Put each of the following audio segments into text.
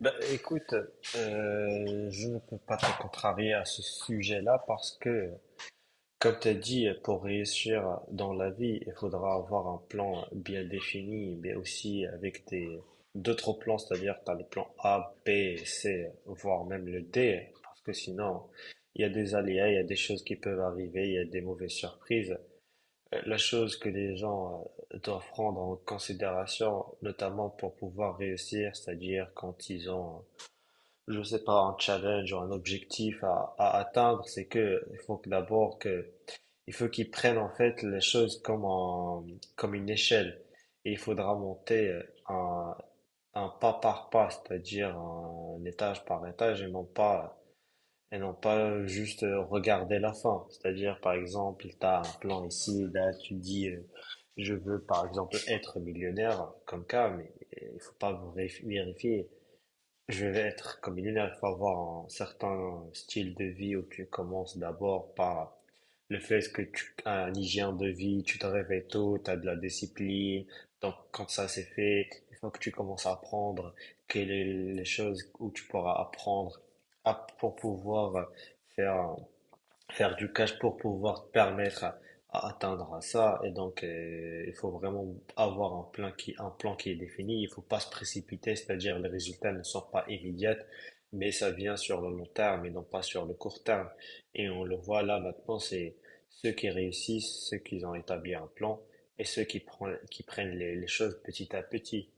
Ben, écoute, je ne peux pas te contrarier à ce sujet-là parce que, comme tu as dit, pour réussir dans la vie, il faudra avoir un plan bien défini, mais aussi avec des d'autres plans, c'est-à-dire tu as le plan A, B, C, voire même le D, parce que sinon, il y a des aléas, il y a des choses qui peuvent arriver, il y a des mauvaises surprises. La chose que les gens doivent prendre en considération, notamment pour pouvoir réussir, c'est-à-dire quand ils ont je sais pas, un challenge ou un objectif à atteindre, c'est que il faut que d'abord que il faut qu'ils prennent en fait les choses comme une échelle et il faudra monter un pas par pas, c'est-à-dire un étage par étage et non pas juste regarder la fin. C'est-à-dire par exemple, tu as un plan ici, là tu dis je veux par exemple être millionnaire comme cas, mais il faut pas vérifier je vais être comme il est là, il faut avoir un certain style de vie où tu commences d'abord par le fait que tu as un hygiène de vie, tu te réveilles tôt, tu as de la discipline. Donc, quand ça c'est fait, il faut que tu commences à apprendre quelles sont les choses où tu pourras apprendre pour pouvoir faire faire du cash pour pouvoir te permettre à atteindre ça. Et donc, il faut vraiment avoir un plan qui est défini. Il faut pas se précipiter, c'est-à-dire les résultats ne sont pas immédiats, mais ça vient sur le long terme et non pas sur le court terme. Et on le voit là maintenant, c'est ceux qui réussissent, ceux qui ont établi un plan et ceux qui prennent les choses petit à petit.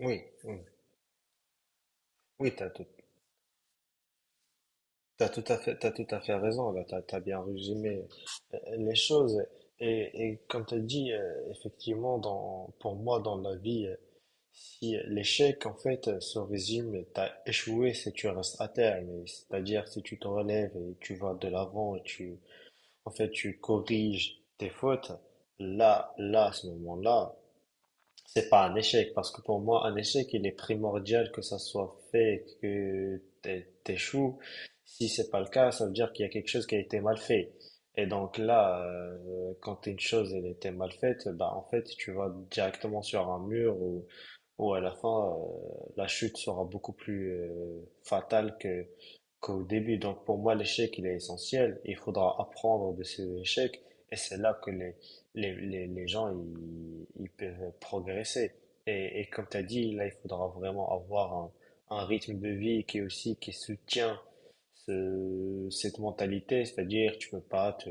Oui, oui, oui, t'as tout à fait, t'as tout à fait raison, là, t'as bien résumé les choses. Et comme t'as dit, effectivement, pour moi, dans la vie, si l'échec, en fait, se résume, t'as échoué si tu restes à terre, mais c'est-à-dire si tu te relèves et tu vas de l'avant, en fait, tu corriges tes fautes, là, à ce moment-là, c'est pas un échec, parce que pour moi, un échec, il est primordial que ça soit fait, que t'échoues. Si c'est pas le cas, ça veut dire qu'il y a quelque chose qui a été mal fait. Et donc là, quand une chose elle était mal faite, bah en fait, tu vas directement sur un mur où à la fin, la chute sera beaucoup plus fatale que qu'au début. Donc pour moi, l'échec, il est essentiel. Il faudra apprendre de ces échecs, et c'est là que les gens, ils peuvent progresser. Et comme tu as dit, là, il faudra vraiment avoir un rythme de vie qui est aussi, qui soutient cette mentalité, c'est-à-dire tu peux pas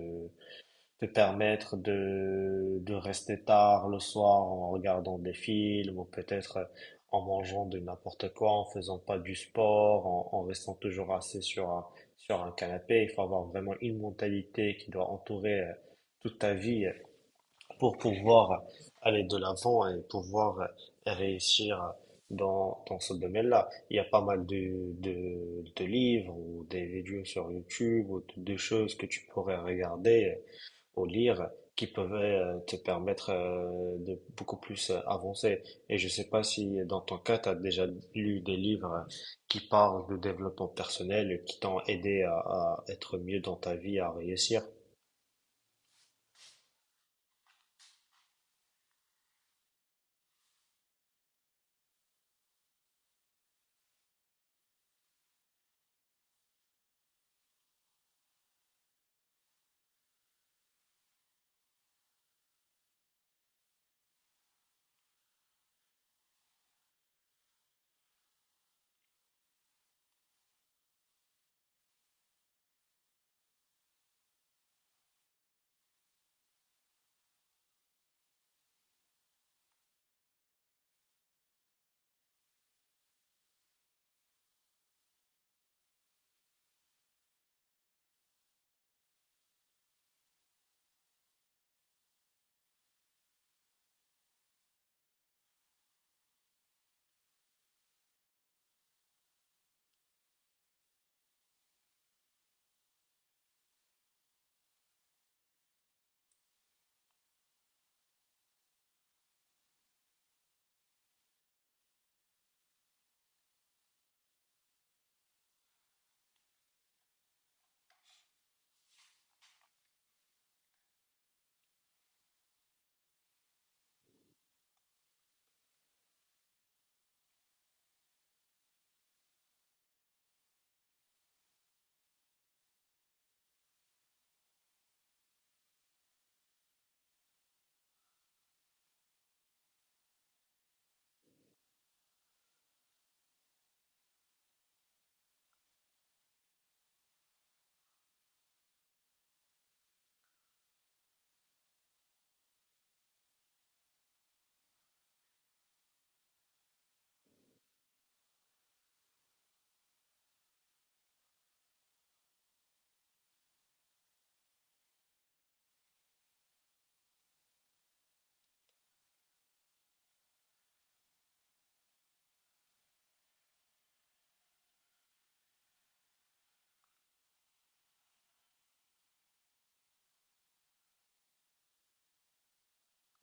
te permettre de rester tard le soir en regardant des films ou peut-être en mangeant de n'importe quoi, en faisant pas du sport, en restant toujours assis sur sur un canapé. Il faut avoir vraiment une mentalité qui doit entourer toute ta vie pour pouvoir aller de l'avant et pouvoir réussir dans ce domaine-là. Il y a pas mal de livres ou des vidéos sur YouTube ou de choses que tu pourrais regarder ou lire qui peuvent te permettre de beaucoup plus avancer. Et je sais pas si dans ton cas, tu as déjà lu des livres qui parlent de développement personnel et qui t'ont aidé à être mieux dans ta vie, à réussir.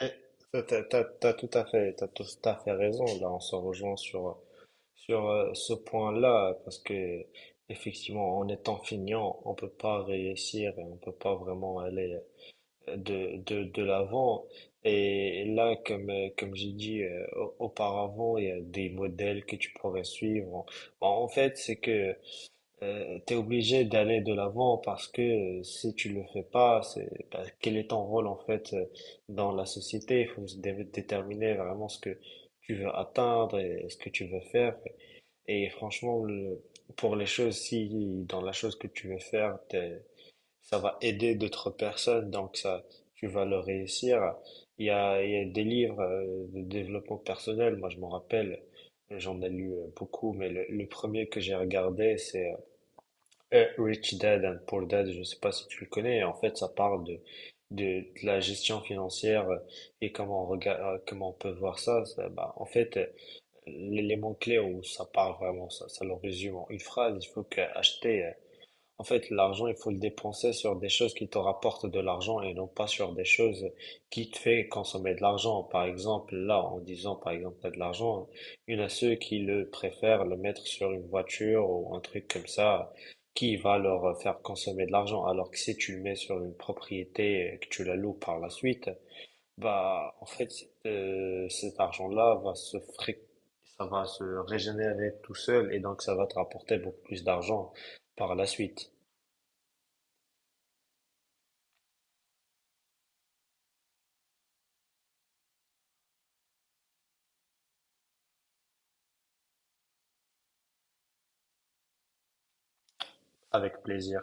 Eh, T'as tout à fait, t'as tout à fait raison. Là, on se rejoint sur ce point-là, parce que effectivement, en étant feignant, on peut pas réussir et on peut pas vraiment aller de l'avant. Et là, comme j'ai dit auparavant, il y a des modèles que tu pourrais suivre. Bon, en fait, c'est que t'es obligé d'aller de l'avant parce que si tu le fais pas, c'est bah, quel est ton rôle en fait dans la société? Il faut se déterminer vraiment ce que tu veux atteindre et ce que tu veux faire. Et franchement, pour les choses, si dans la chose que tu veux faire, ça va aider d'autres personnes, donc ça, tu vas le réussir. Il y a des livres de développement personnel. Moi, je m'en rappelle, j'en ai lu beaucoup, mais le premier que j'ai regardé, c'est Rich Dad and Poor Dad, je ne sais pas si tu le connais. En fait, ça parle de la gestion financière et comment on regarde, comment on peut voir ça. Ça, bah, en fait, l'élément clé où ça parle vraiment, ça le résume en une phrase. Il faut que acheter, en fait, l'argent, il faut le dépenser sur des choses qui te rapportent de l'argent et non pas sur des choses qui te fait consommer de l'argent. Par exemple, là, en disant, par exemple, t'as de l'argent, il y en a ceux qui le préfèrent le mettre sur une voiture ou un truc comme ça qui va leur faire consommer de l'argent. Alors que si tu le mets sur une propriété et que tu la loues par la suite, bah, en fait, cet argent-là va se ça va se régénérer tout seul et donc ça va te rapporter beaucoup plus d'argent par la suite. Avec plaisir.